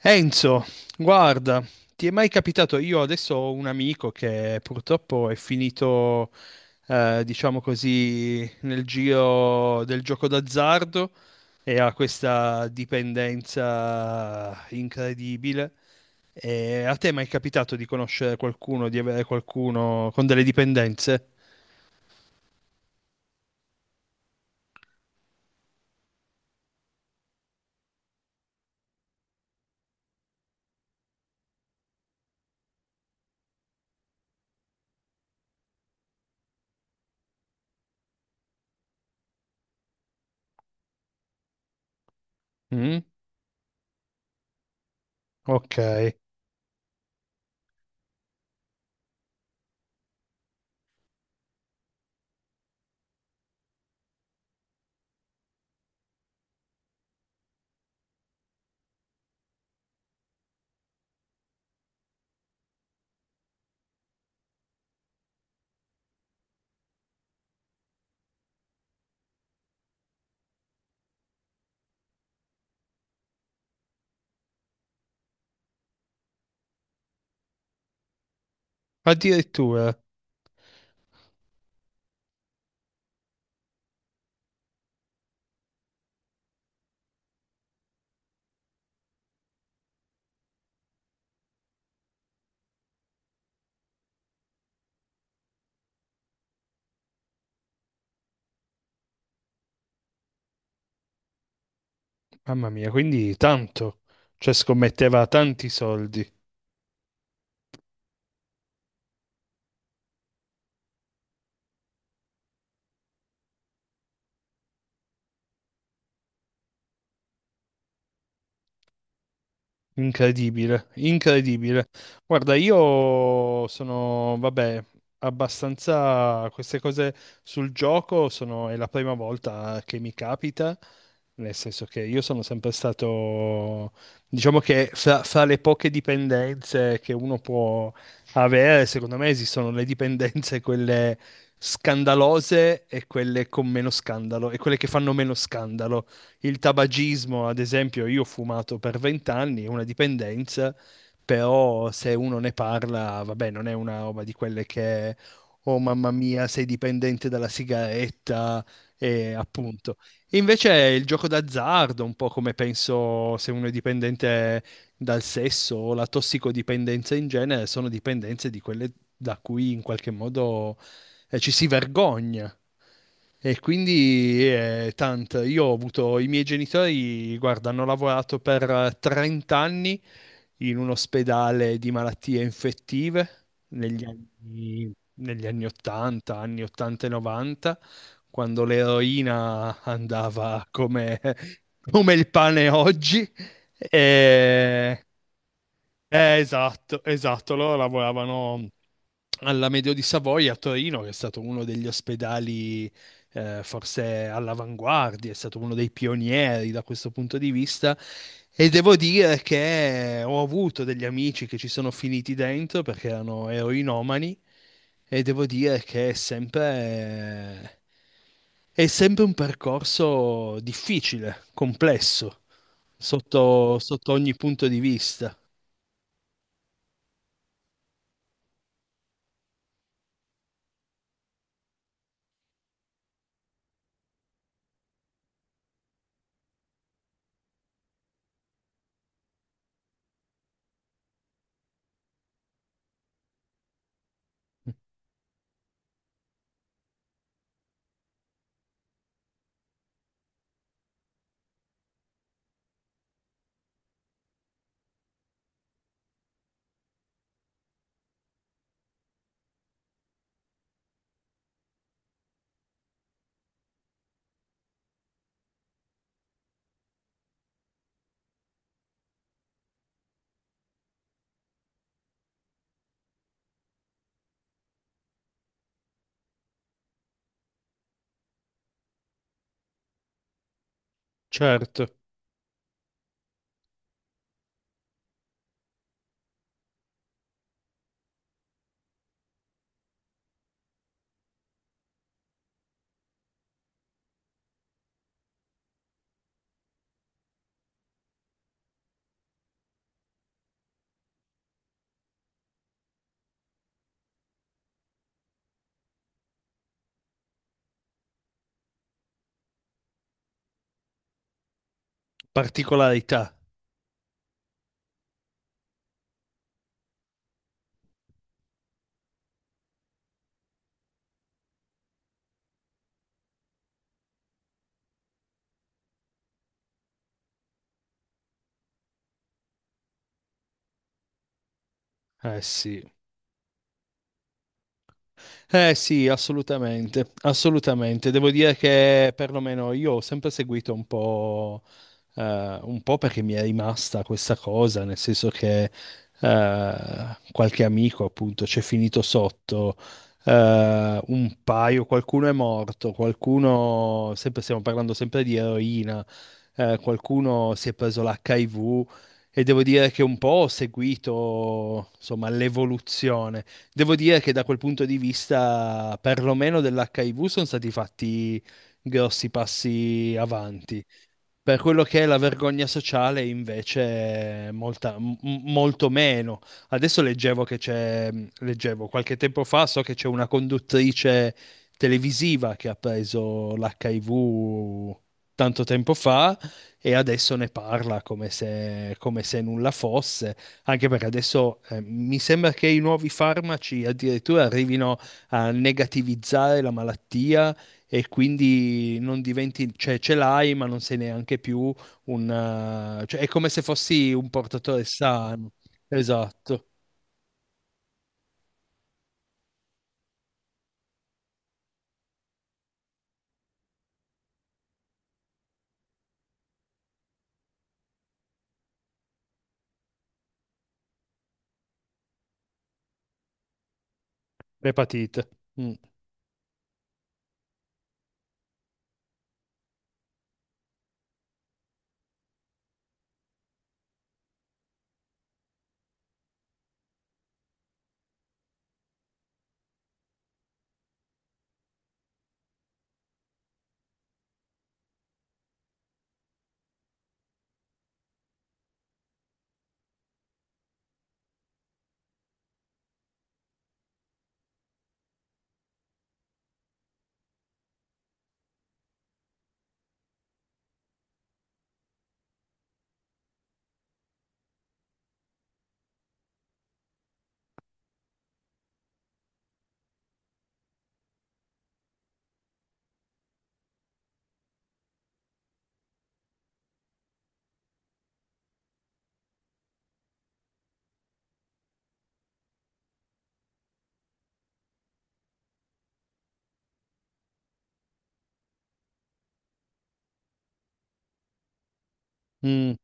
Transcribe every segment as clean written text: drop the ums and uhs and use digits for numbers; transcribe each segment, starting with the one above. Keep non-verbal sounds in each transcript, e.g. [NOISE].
Enzo, guarda, ti è mai capitato? Io adesso ho un amico che purtroppo è finito, diciamo così, nel giro del gioco d'azzardo e ha questa dipendenza incredibile. E a te è mai capitato di conoscere qualcuno, di avere qualcuno con delle dipendenze? Mm? Ok, addirittura, mamma mia, quindi tanto, cioè scommetteva tanti soldi. Incredibile, incredibile. Guarda, io sono, vabbè, abbastanza queste cose sul gioco sono, è la prima volta che mi capita, nel senso che io sono sempre stato, diciamo che fra le poche dipendenze che uno può avere, secondo me esistono le dipendenze quelle scandalose e quelle con meno scandalo e quelle che fanno meno scandalo il tabagismo, ad esempio, io ho fumato per vent'anni, è una dipendenza, però se uno ne parla, vabbè, non è una roba di quelle che, oh mamma mia, sei dipendente dalla sigaretta, e appunto. Invece è il gioco d'azzardo, un po' come penso se uno è dipendente dal sesso o la tossicodipendenza in genere, sono dipendenze di quelle da cui in qualche modo ci si vergogna. E quindi tanto, io ho avuto i miei genitori, guarda, hanno lavorato per 30 anni in un ospedale di malattie infettive negli anni, negli anni 80, anni 80 e 90, quando l'eroina andava come, [LAUGHS] come il pane oggi. E, esatto, esatto. Loro lavoravano alla Medio di Savoia a Torino, che è stato uno degli ospedali forse all'avanguardia, è stato uno dei pionieri da questo punto di vista. E devo dire che ho avuto degli amici che ci sono finiti dentro perché erano eroinomani e devo dire che è sempre un percorso difficile, complesso, sotto sotto ogni punto di vista. Certo. Particolarità. Eh sì, eh sì, assolutamente, assolutamente. Devo dire che perlomeno io ho sempre seguito un po' perché mi è rimasta questa cosa, nel senso che qualche amico appunto c'è finito sotto, un paio, qualcuno è morto, qualcuno, sempre, stiamo parlando sempre di eroina, qualcuno si è preso l'HIV e devo dire che un po' ho seguito insomma l'evoluzione. Devo dire che da quel punto di vista, perlomeno dell'HIV, sono stati fatti grossi passi avanti. Per quello che è la vergogna sociale, invece, è molta- m- molto meno. Adesso leggevo che c'è, leggevo qualche tempo fa, so che c'è una conduttrice televisiva che ha preso l'HIV tanto tempo fa e adesso ne parla come se nulla fosse, anche perché adesso mi sembra che i nuovi farmaci addirittura arrivino a negativizzare la malattia e quindi non diventi, cioè ce l'hai, ma non sei neanche più un, cioè è come se fossi un portatore sano. Esatto, l'epatite. Mm, mm,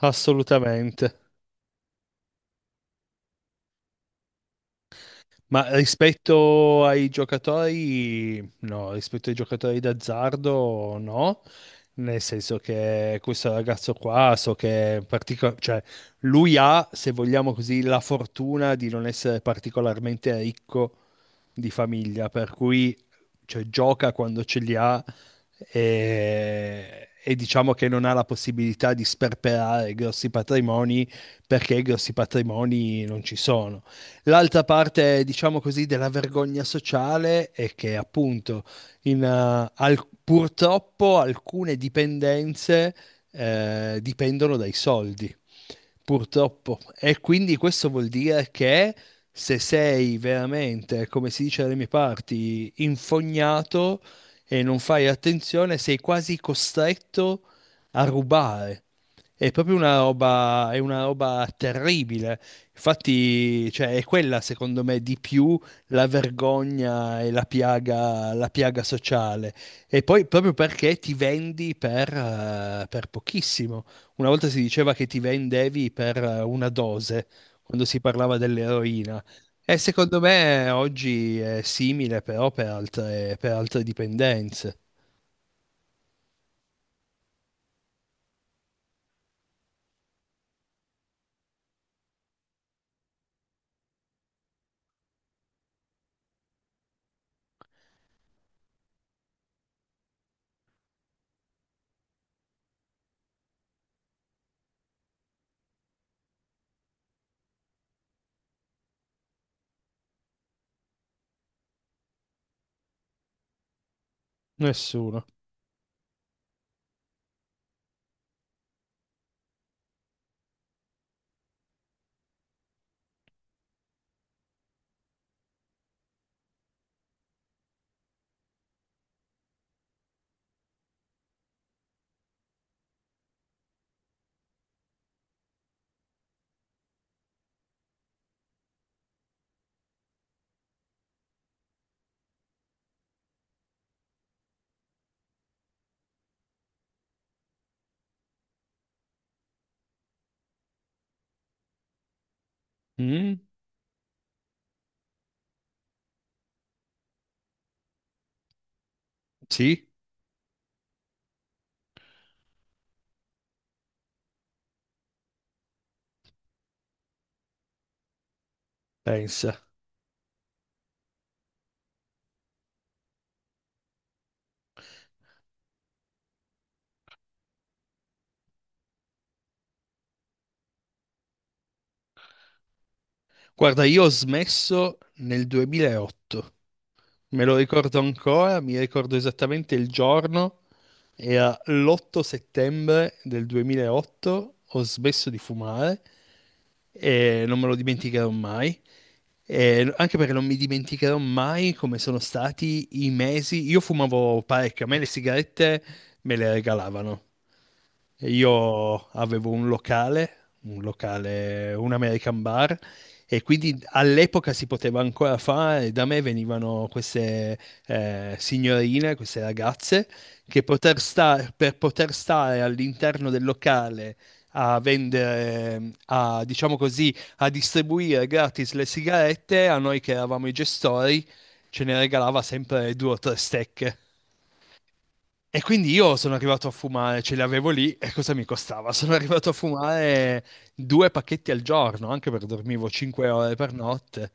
assolutamente. Ma rispetto ai giocatori, no, rispetto ai giocatori d'azzardo, no, nel senso che questo ragazzo qua, cioè, lui ha, se vogliamo così, la fortuna di non essere particolarmente ricco di famiglia, per cui cioè, gioca quando ce li ha e diciamo che non ha la possibilità di sperperare grossi patrimoni perché grossi patrimoni non ci sono. L'altra parte, diciamo così, della vergogna sociale è che appunto purtroppo alcune dipendenze dipendono dai soldi, purtroppo. E quindi questo vuol dire che se sei veramente, come si dice dalle mie parti, infognato e non fai attenzione, sei quasi costretto a rubare. È proprio una roba, è una roba terribile. Infatti, cioè, è quella, secondo me, di più la vergogna e la piaga sociale. E poi proprio perché ti vendi per pochissimo. Una volta si diceva che ti vendevi per una dose, quando si parlava dell'eroina. E secondo me oggi è simile, però per altre dipendenze. Nessuno. Mm? Sì, pensa. Guarda, io ho smesso nel 2008, me lo ricordo ancora, mi ricordo esattamente il giorno era l'8 settembre del 2008, ho smesso di fumare e non me lo dimenticherò mai. E anche perché non mi dimenticherò mai come sono stati i mesi. Io fumavo parecchio, a me le sigarette me le regalavano. E io avevo un locale, un locale, un American bar, e quindi all'epoca si poteva ancora fare. Da me venivano queste signorine, queste ragazze, per poter stare all'interno del locale a vendere, a, diciamo così, a distribuire gratis le sigarette, a noi che eravamo i gestori, ce ne regalava sempre due o tre stecche. E quindi io sono arrivato a fumare, ce li avevo lì e cosa mi costava? [LAUGHS] Sono arrivato a fumare due pacchetti al giorno, anche perché dormivo 5 ore per notte,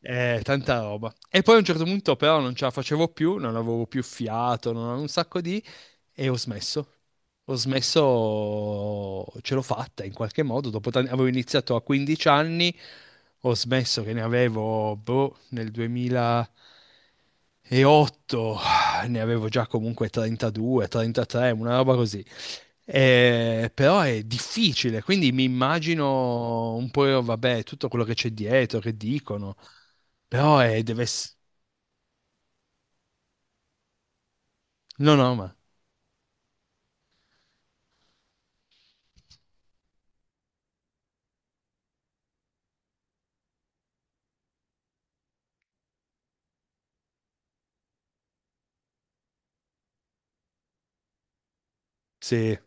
tanta roba. E poi a un certo punto però non ce la facevo più, non avevo più fiato, non avevo un sacco di... e ho smesso. Ho smesso, ce l'ho fatta in qualche modo, avevo iniziato a 15 anni, ho smesso che ne avevo, boh, nel 2008, ah, ne avevo già comunque 32, 33, una roba così. Però è difficile, quindi mi immagino un po', vabbè, tutto quello che c'è dietro, che dicono, però deve essere... No, no, ma sì.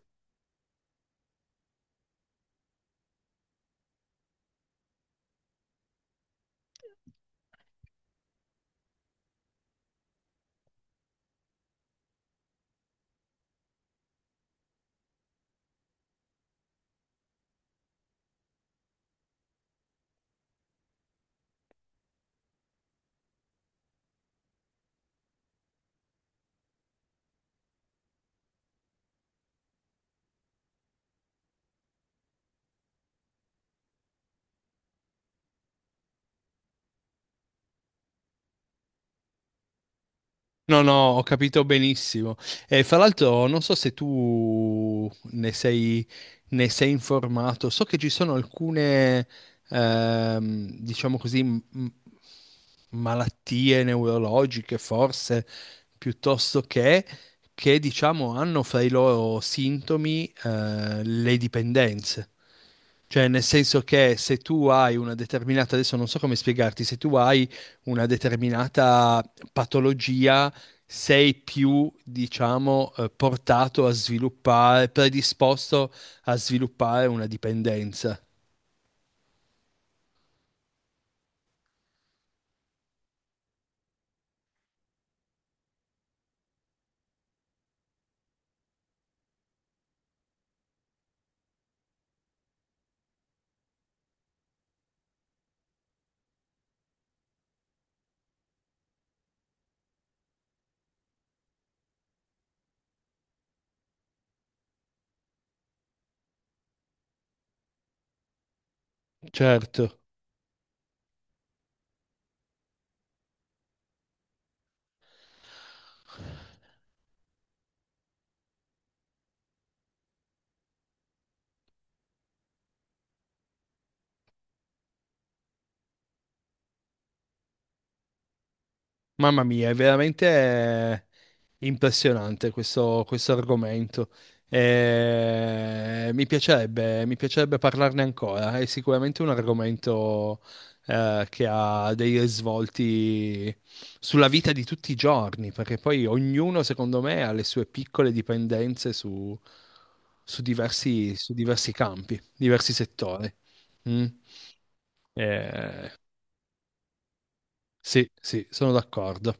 No, no, ho capito benissimo. E fra l'altro, non so se tu ne sei informato, so che ci sono alcune, diciamo così, malattie neurologiche, forse, piuttosto che diciamo hanno fra i loro sintomi le dipendenze. Cioè, nel senso che se tu hai una determinata, adesso non so come spiegarti, se tu hai una determinata patologia, sei più, diciamo, portato a sviluppare, predisposto a sviluppare una dipendenza. Certo. Mamma mia, è veramente impressionante questo, questo argomento. Mi piacerebbe parlarne ancora. È sicuramente un argomento che ha dei risvolti sulla vita di tutti i giorni, perché poi ognuno, secondo me, ha le sue piccole dipendenze su, su diversi campi, diversi settori. Mm. Eh, sì, sì, sono d'accordo.